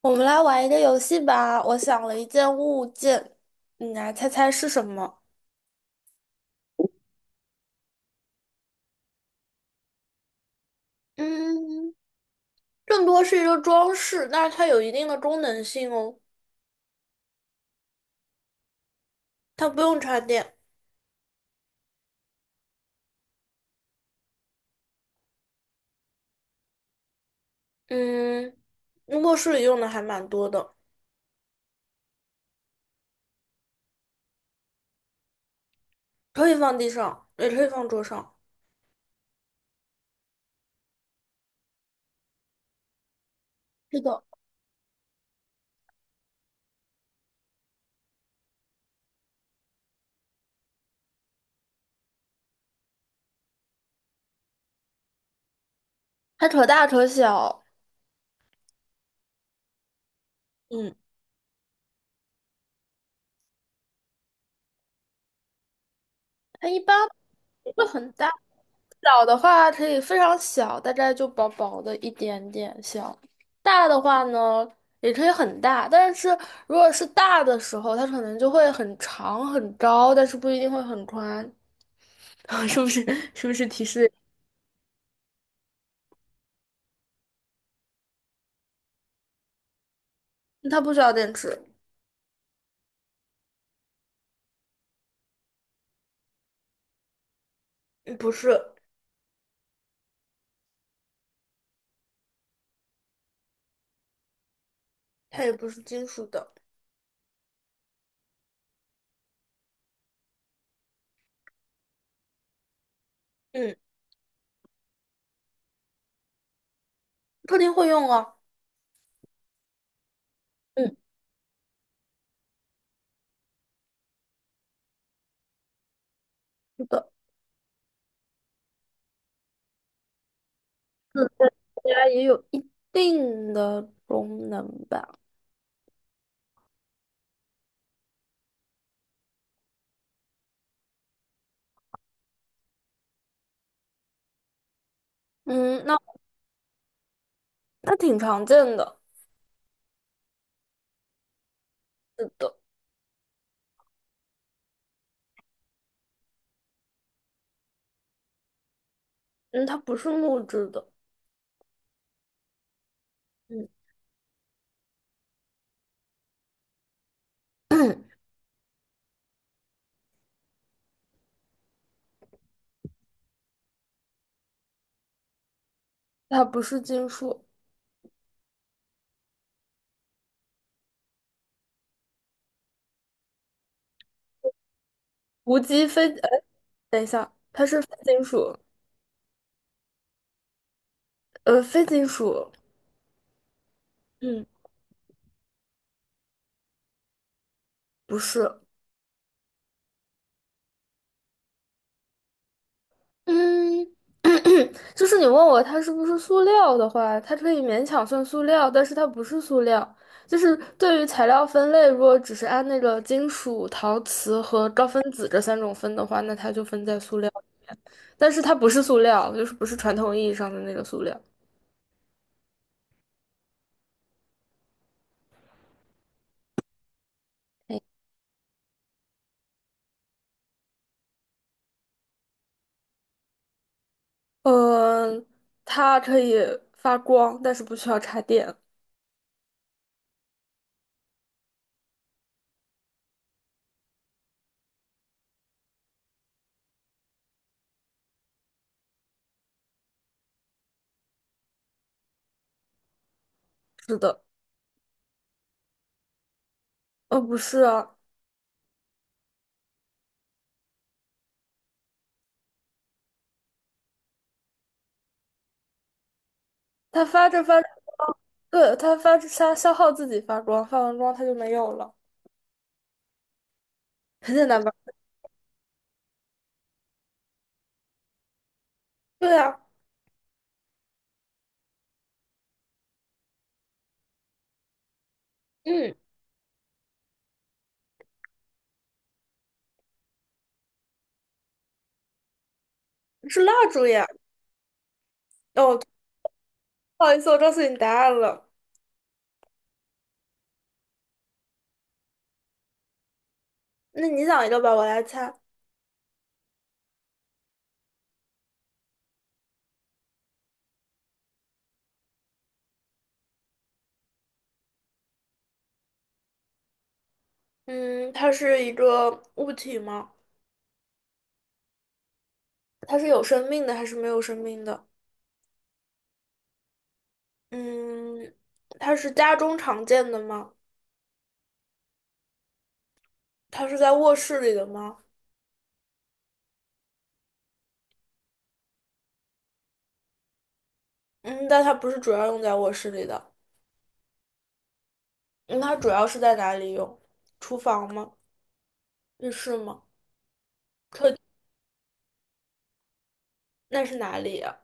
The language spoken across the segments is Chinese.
我们来玩一个游戏吧。我想了一件物件，你来猜猜是什么？嗯，更多是一个装饰，但是它有一定的功能性哦。它不用插电。嗯，卧室里用的还蛮多的，可以放地上，也可以放桌上。是的，它可大可小。嗯。它一般不会很大，小的话可以非常小，大概就薄薄的一点点小。大的话呢，也可以很大，但是如果是大的时候，它可能就会很长很高，但是不一定会很宽。是不是？是不是提示？它不需要电池。嗯不是，它也不是金属的。嗯，客厅会用啊。嗯，是的，自家也有一定的功能吧。嗯，那它挺常见的。是的。嗯，它不是木质的。嗯，它不是金属，无机非，哎，等一下，它是非金属，非金属。嗯，不是。嗯，就是你问我它是不是塑料的话，它可以勉强算塑料，但是它不是塑料。就是对于材料分类，如果只是按那个金属、陶瓷和高分子这三种分的话，那它就分在塑料，但是它不是塑料，就是不是传统意义上的那个塑料。嗯，它可以发光，但是不需要插电。是的。不是啊，它发着发着，对，它发着它消耗自己发光，发完光它就没有了，很简单吧？对啊。嗯，是蜡烛呀。哦，不好意思，我告诉你答案了。那你想一个吧，我来猜。嗯，它是一个物体吗？它是有生命的还是没有生命的？嗯，它是家中常见的吗？它是在卧室里的吗？嗯，但它不是主要用在卧室里的。嗯它主要是在哪里用？厨房吗？浴室吗？那是哪里呀？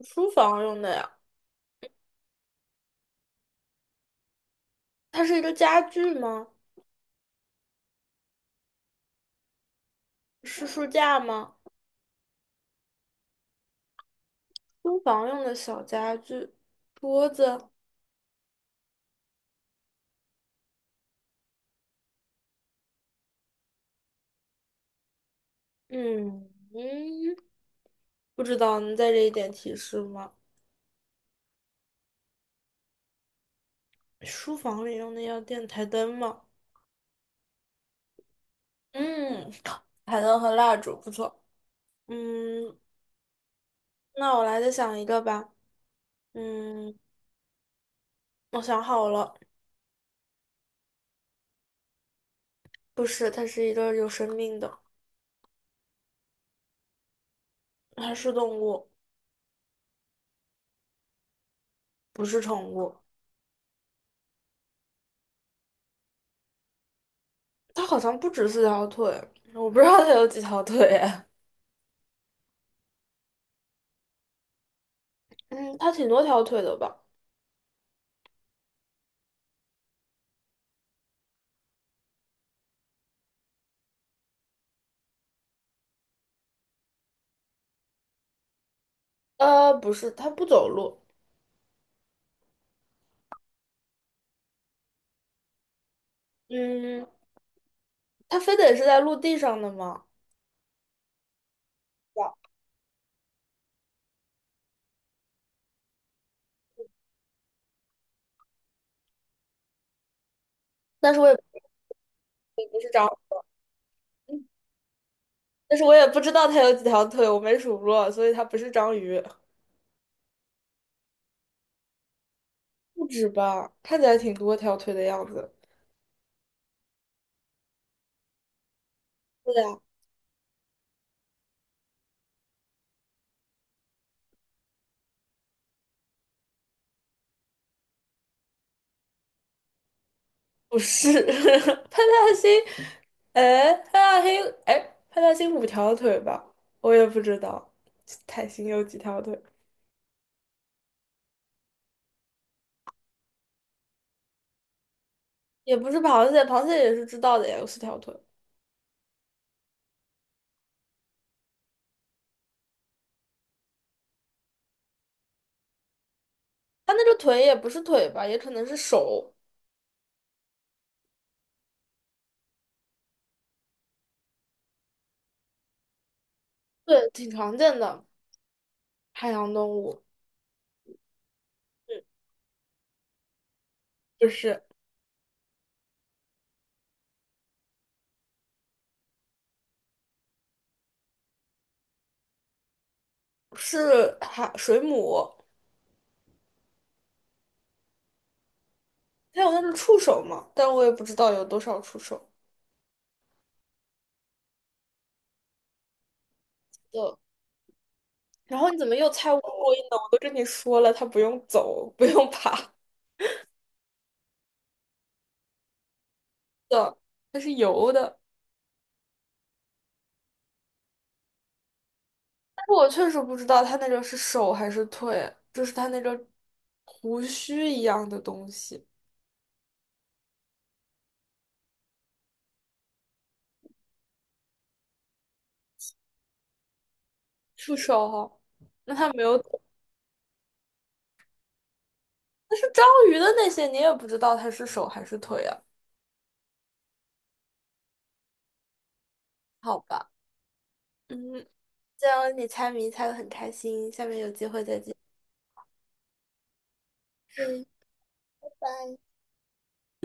书房用的呀？它是一个家具吗？是书架吗？书房用的小家具，桌子。嗯嗯，不知道，能再这一点提示吗？书房里用的要电台灯吗？嗯，台灯和蜡烛不错。嗯，那我来再想一个吧。嗯，我想好了。不是，它是一个有生命的，它是动物。不是宠物，它好像不止四条腿，我不知道它有几条腿哎。 嗯，它挺多条腿的吧？不是，它不走路。嗯，它非得是在陆地上的吗？哇但是我也不是章，但是我也不知道它有几条腿，我没数过，所以它不是章鱼，不止吧？看起来挺多条腿的样子。对呀，不是。派大星，哎，派大星，哎，派大星5条腿吧？我也不知道，泰星有几条腿。也不是螃蟹，螃蟹也是知道的呀，有四条腿。它那个腿也不是腿吧，也可能是手。对，挺常见的海洋动物，就是是海水母，它有那种触手嘛，但我也不知道有多少触手的。然后你怎么又猜乌龟呢？我都跟你说了，它不用走，不用爬的，它是游的。但是我确实不知道它那个是手还是腿，就是它那个胡须一样的东西，触手哈。那它没有。但是章鱼的那些，你也不知道它是手还是腿啊？好吧。嗯，这样你猜谜猜得很开心，下面有机会再见。嗯，拜拜。